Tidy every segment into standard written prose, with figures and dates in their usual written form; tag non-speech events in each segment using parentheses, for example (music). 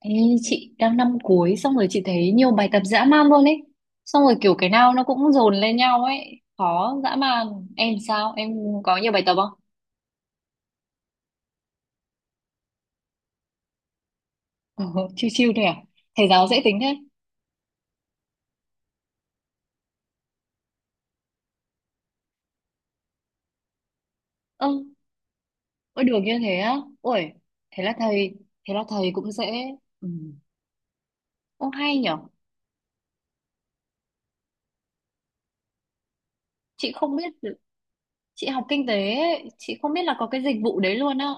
Ê, chị đang năm cuối, xong rồi chị thấy nhiều bài tập dã man luôn ấy. Xong rồi kiểu cái nào nó cũng dồn lên nhau ấy, khó dã man. Em sao, em có nhiều bài tập không? (laughs) Ừ, chiêu chiêu thôi à? Thầy giáo dễ tính thế? Ơ, ôi được như thế á? Ôi. Thế là thầy thế là thầy cũng dễ. Ừ. Ô hay nhở. Chị không biết được- Chị học kinh tế ấy, chị không biết là có cái dịch vụ đấy luôn á.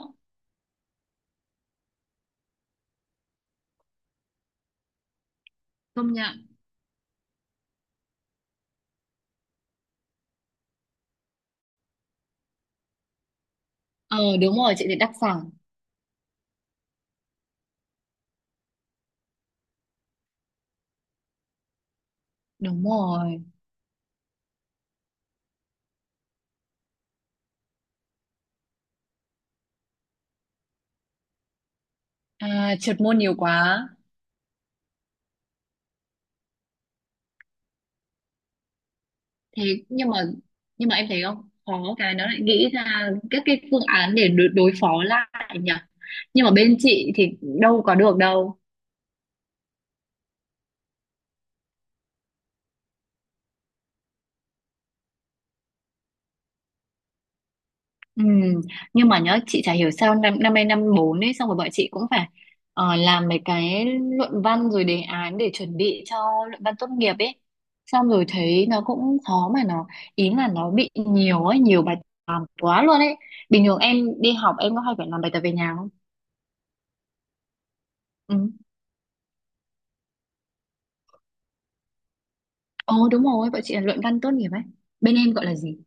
Công nhận. Ờ Đúng rồi, chị thì đặc sản. Đúng rồi. À, trượt môn nhiều quá. Thế nhưng mà nhưng mà em thấy không khó cái nó lại nghĩ ra các cái phương án để đối phó lại nhỉ. Nhưng mà bên chị thì đâu có được đâu. Ừ, nhưng mà nhớ, chị chả hiểu sao năm năm nay năm bốn ấy, xong rồi bọn chị cũng phải làm mấy cái luận văn rồi đề án để chuẩn bị cho luận văn tốt nghiệp ấy. Xong rồi thấy nó cũng khó mà nó, ý là nó bị nhiều ấy, nhiều bài tập quá luôn ấy. Bình thường em đi học em có hay phải làm bài tập về nhà không? Ừ. Ồ đúng rồi, bọn chị là luận văn tốt nghiệp ấy. Bên em gọi là gì?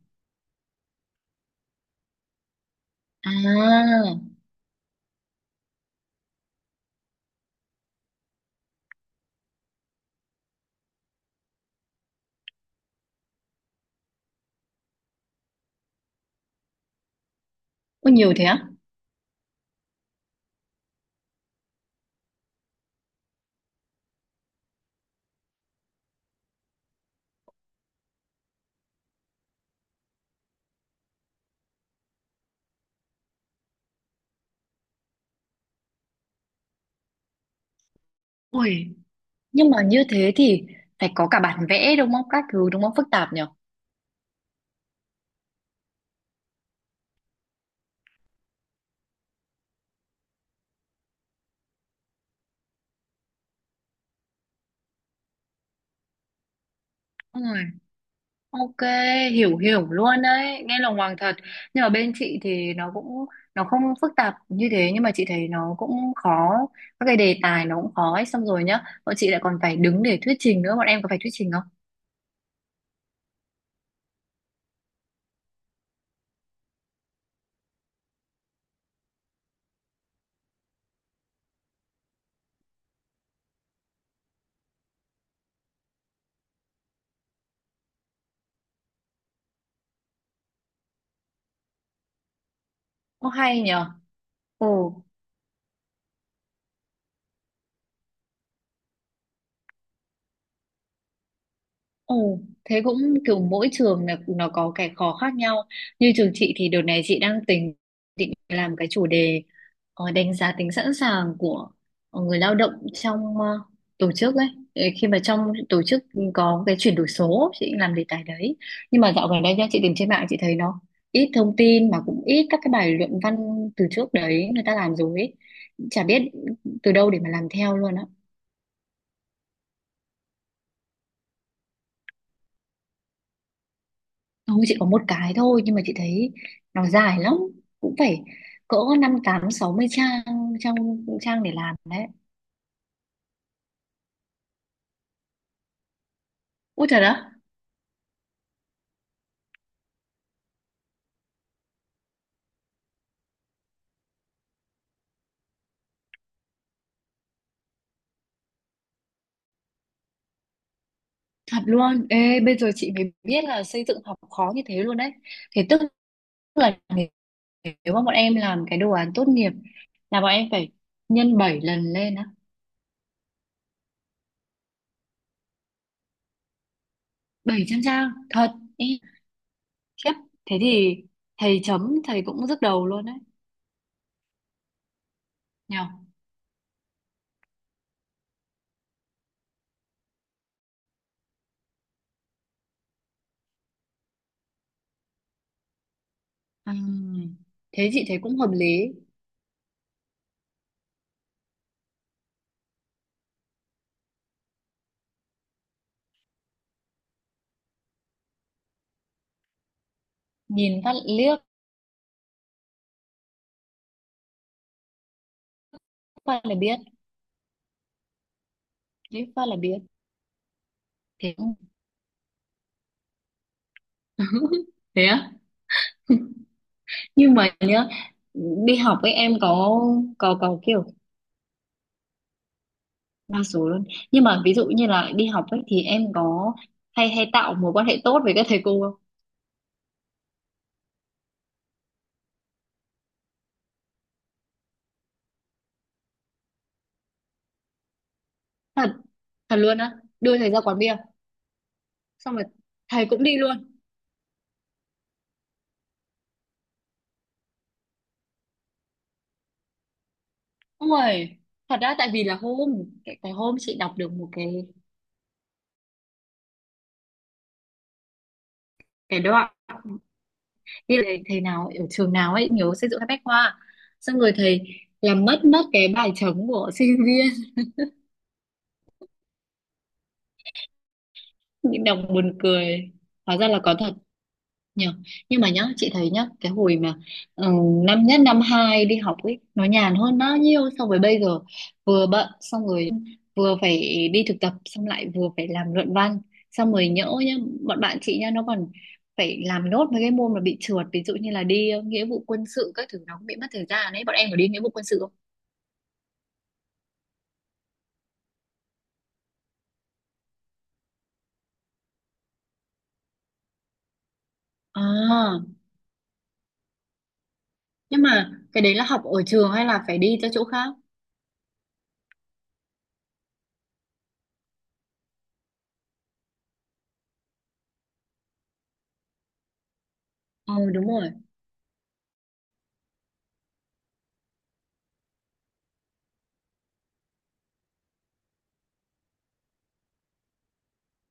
À, có nhiều thế á? Ui, nhưng mà như thế thì phải có cả bản vẽ đúng không? Các thứ đúng không? Phức tạp nhở? Ui, ok, hiểu hiểu luôn đấy. Nghe lòng hoàng thật. Nhưng mà bên chị thì nó không phức tạp như thế nhưng mà chị thấy nó cũng khó. Các cái đề tài nó cũng khó ấy. Xong rồi nhá, bọn chị lại còn phải đứng để thuyết trình nữa. Bọn em có phải thuyết trình không? Ô hay nhở? Ồ. Ồ, thế cũng kiểu mỗi trường là nó có cái khó khác nhau. Như trường chị thì đợt này chị đang tính định làm cái chủ đề đánh giá tính sẵn sàng của người lao động trong tổ chức ấy. Ờ, khi mà trong tổ chức có cái chuyển đổi số, chị làm đề tài đấy. Nhưng mà dạo gần đây nha, chị tìm trên mạng chị thấy nó ít thông tin mà cũng ít các cái bài luận văn từ trước đấy người ta làm rồi ấy. Chả biết từ đâu để mà làm theo luôn á. Thôi chị có một cái thôi nhưng mà chị thấy nó dài lắm, cũng phải cỡ năm tám sáu mươi trang trang trang để làm đấy. Ui trời đó, thật luôn. Ê, bây giờ chị mới biết là xây dựng học khó như thế luôn đấy. Thế tức là nếu nếu mà bọn em làm cái đồ án tốt nghiệp là bọn em phải nhân 7 lần lên á? 700 trang thật? Ê, khiếp. Thế thì thầy chấm thầy cũng nhức đầu luôn đấy. Nhở. Ừm, Thế chị thấy cũng hợp lý. Nhìn phát liếc phát là biết, liếc phát là biết thế không? (laughs) Thế á? (laughs) Nhưng mà nhớ, đi học với em có kiểu đa số luôn. Nhưng mà ví dụ như là đi học ấy thì em có hay hay tạo mối quan hệ tốt với các thầy cô không? Thật, thật luôn á? Đưa thầy ra quán bia xong rồi thầy cũng đi luôn? Ôi, thật ra tại vì là hôm cái hôm chị đọc được một cái đoạn như là thầy nào ở trường nào ấy nhớ xây dựng các bách khoa, xong rồi thầy làm mất mất cái bài chấm của (laughs) sinh viên, những đồng buồn cười, hóa ra là có thật nhỉ. Nhưng mà nhá, chị thấy nhá, cái hồi mà ừ, năm nhất năm hai đi học ấy nó nhàn hơn bao nhiêu so với bây giờ. Vừa bận xong rồi, vừa phải đi thực tập, xong lại vừa phải làm luận văn. Xong rồi nhỡ nhá, bọn bạn chị nhá nó còn phải làm nốt mấy cái môn mà bị trượt, ví dụ như là đi nghĩa vụ quân sự, các thứ nó cũng bị mất thời gian ấy. Bọn em có đi nghĩa vụ quân sự không? À, nhưng mà cái đấy là học ở trường hay là phải đi ra chỗ khác? Ừ, đúng rồi.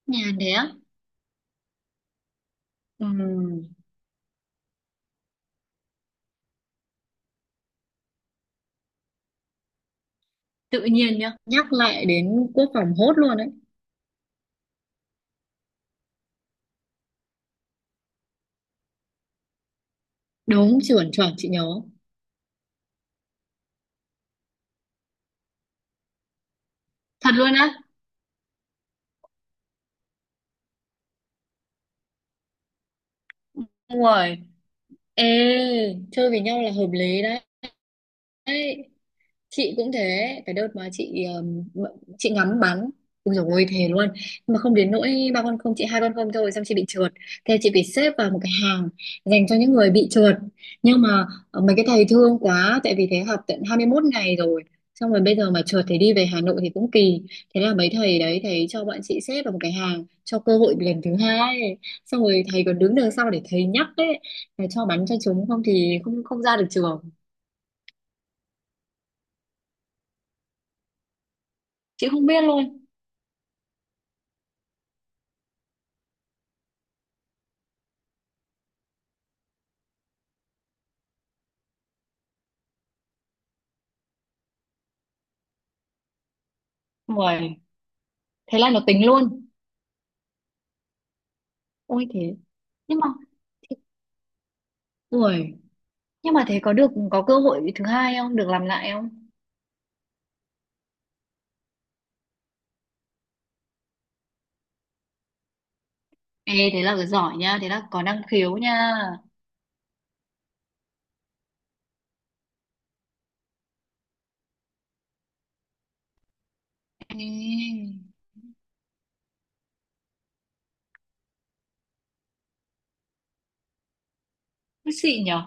Nhàn thế á? Ừ, tự nhiên nhá, nhắc lại đến quốc phòng hốt luôn đấy. Đúng chuẩn chuẩn, chị nhớ. Thật luôn á? Đúng rồi. Ê, chơi với nhau là hợp lý đấy. Đấy. Chị cũng thế, cái đợt mà chị chị ngắm bắn, ui dồi ôi thề luôn, nhưng mà không đến nỗi ba con không, chị hai con không thôi, xong chị bị trượt. Thế chị phải xếp vào một cái hàng dành cho những người bị trượt. Nhưng mà mấy cái thầy thương quá, tại vì thế học tận 21 ngày rồi, xong rồi bây giờ mà trượt thì đi về Hà Nội thì cũng kỳ. Thế là mấy thầy đấy thầy cho bọn chị xếp vào một cái hàng, cho cơ hội lần thứ hai. Xong rồi thầy còn đứng đằng sau để thầy nhắc đấy, là cho bắn cho chúng không thì không không ra được trường. Chị không biết luôn. Uầy. Thế là nó tính luôn? Ôi thế. Nhưng mà thế, ui, nhưng mà thế có được, có cơ hội thứ hai không, được làm lại không? Ê, thế là giỏi nha, thế là có năng khiếu nha. Ê xịn nhở.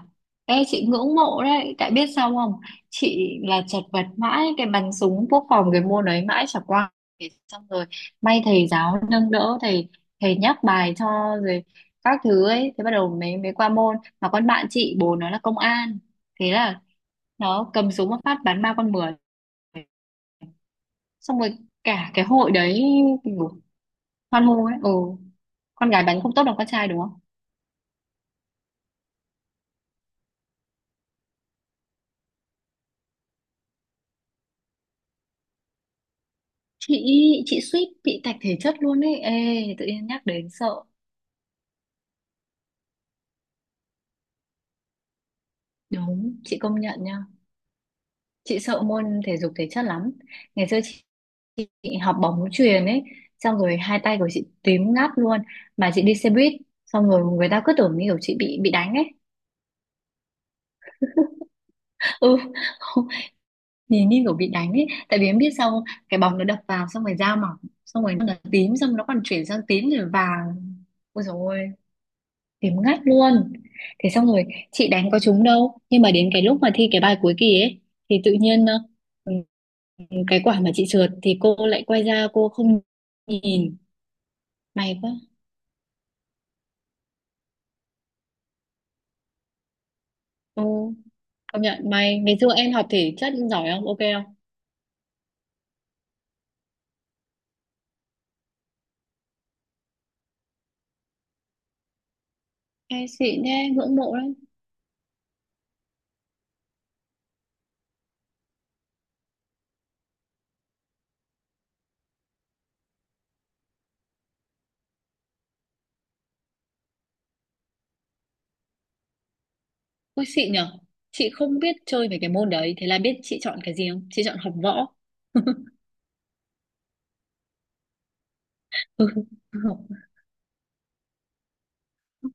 Ê, chị ngưỡng mộ đấy. Tại biết sao không? Chị là chật vật mãi. Cái bắn súng quốc phòng cái môn ấy mãi chả qua. Thế. Xong rồi may thầy giáo nâng đỡ. Thầy thầy nhắc bài cho rồi, các thứ ấy. Thế bắt đầu mới mới qua môn. Mà con bạn chị bố nó là công an. Thế là nó cầm súng một phát bắn ba con mười. Xong rồi cả cái hội đấy kiểu, hoan hô ấy. Ừ. Con gái bắn không tốt bằng con trai đúng không? Chị chị suýt bị tạch thể chất luôn ấy. Ê, tự nhiên nhắc đến sợ. Đúng, chị công nhận nha. Chị sợ môn thể dục thể chất lắm. Ngày xưa chị học bóng chuyền ấy, xong rồi hai tay của chị tím ngắt luôn. Mà chị đi xe buýt xong rồi người ta cứ tưởng như kiểu chị bị đánh ấy. Ừ. (laughs) Nhìn như kiểu bị đánh ấy, tại vì em biết sao không? Cái bóng nó đập vào xong rồi da mỏng, xong rồi nó tím, xong nó còn chuyển sang tím rồi vàng. Ôi dồi ôi. Điểm ngắt luôn. Thế xong rồi chị đánh có trúng đâu. Nhưng mà đến cái lúc mà thi cái bài cuối kỳ ấy thì tự nhiên ừ, cái quả mà chị trượt thì cô lại quay ra cô không nhìn. May quá. Ô, công nhận may. Ngày xưa em học thể chất giỏi không? Ok không? Em xịn thế, ngưỡng mộ lắm. Ôi xịn nhở. Chị không biết chơi về cái môn đấy. Thế là biết chị chọn cái gì không? Chị chọn học võ. (laughs) Ừ,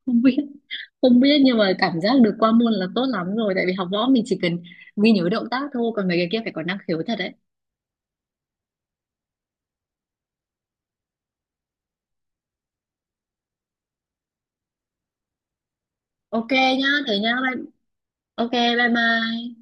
không biết, không biết. Nhưng mà cảm giác được qua môn là tốt lắm rồi, tại vì học võ mình chỉ cần ghi nhớ động tác thôi, còn mấy cái kia phải có năng khiếu thật đấy. Ok nhá, thế nhá, ok, bye bye.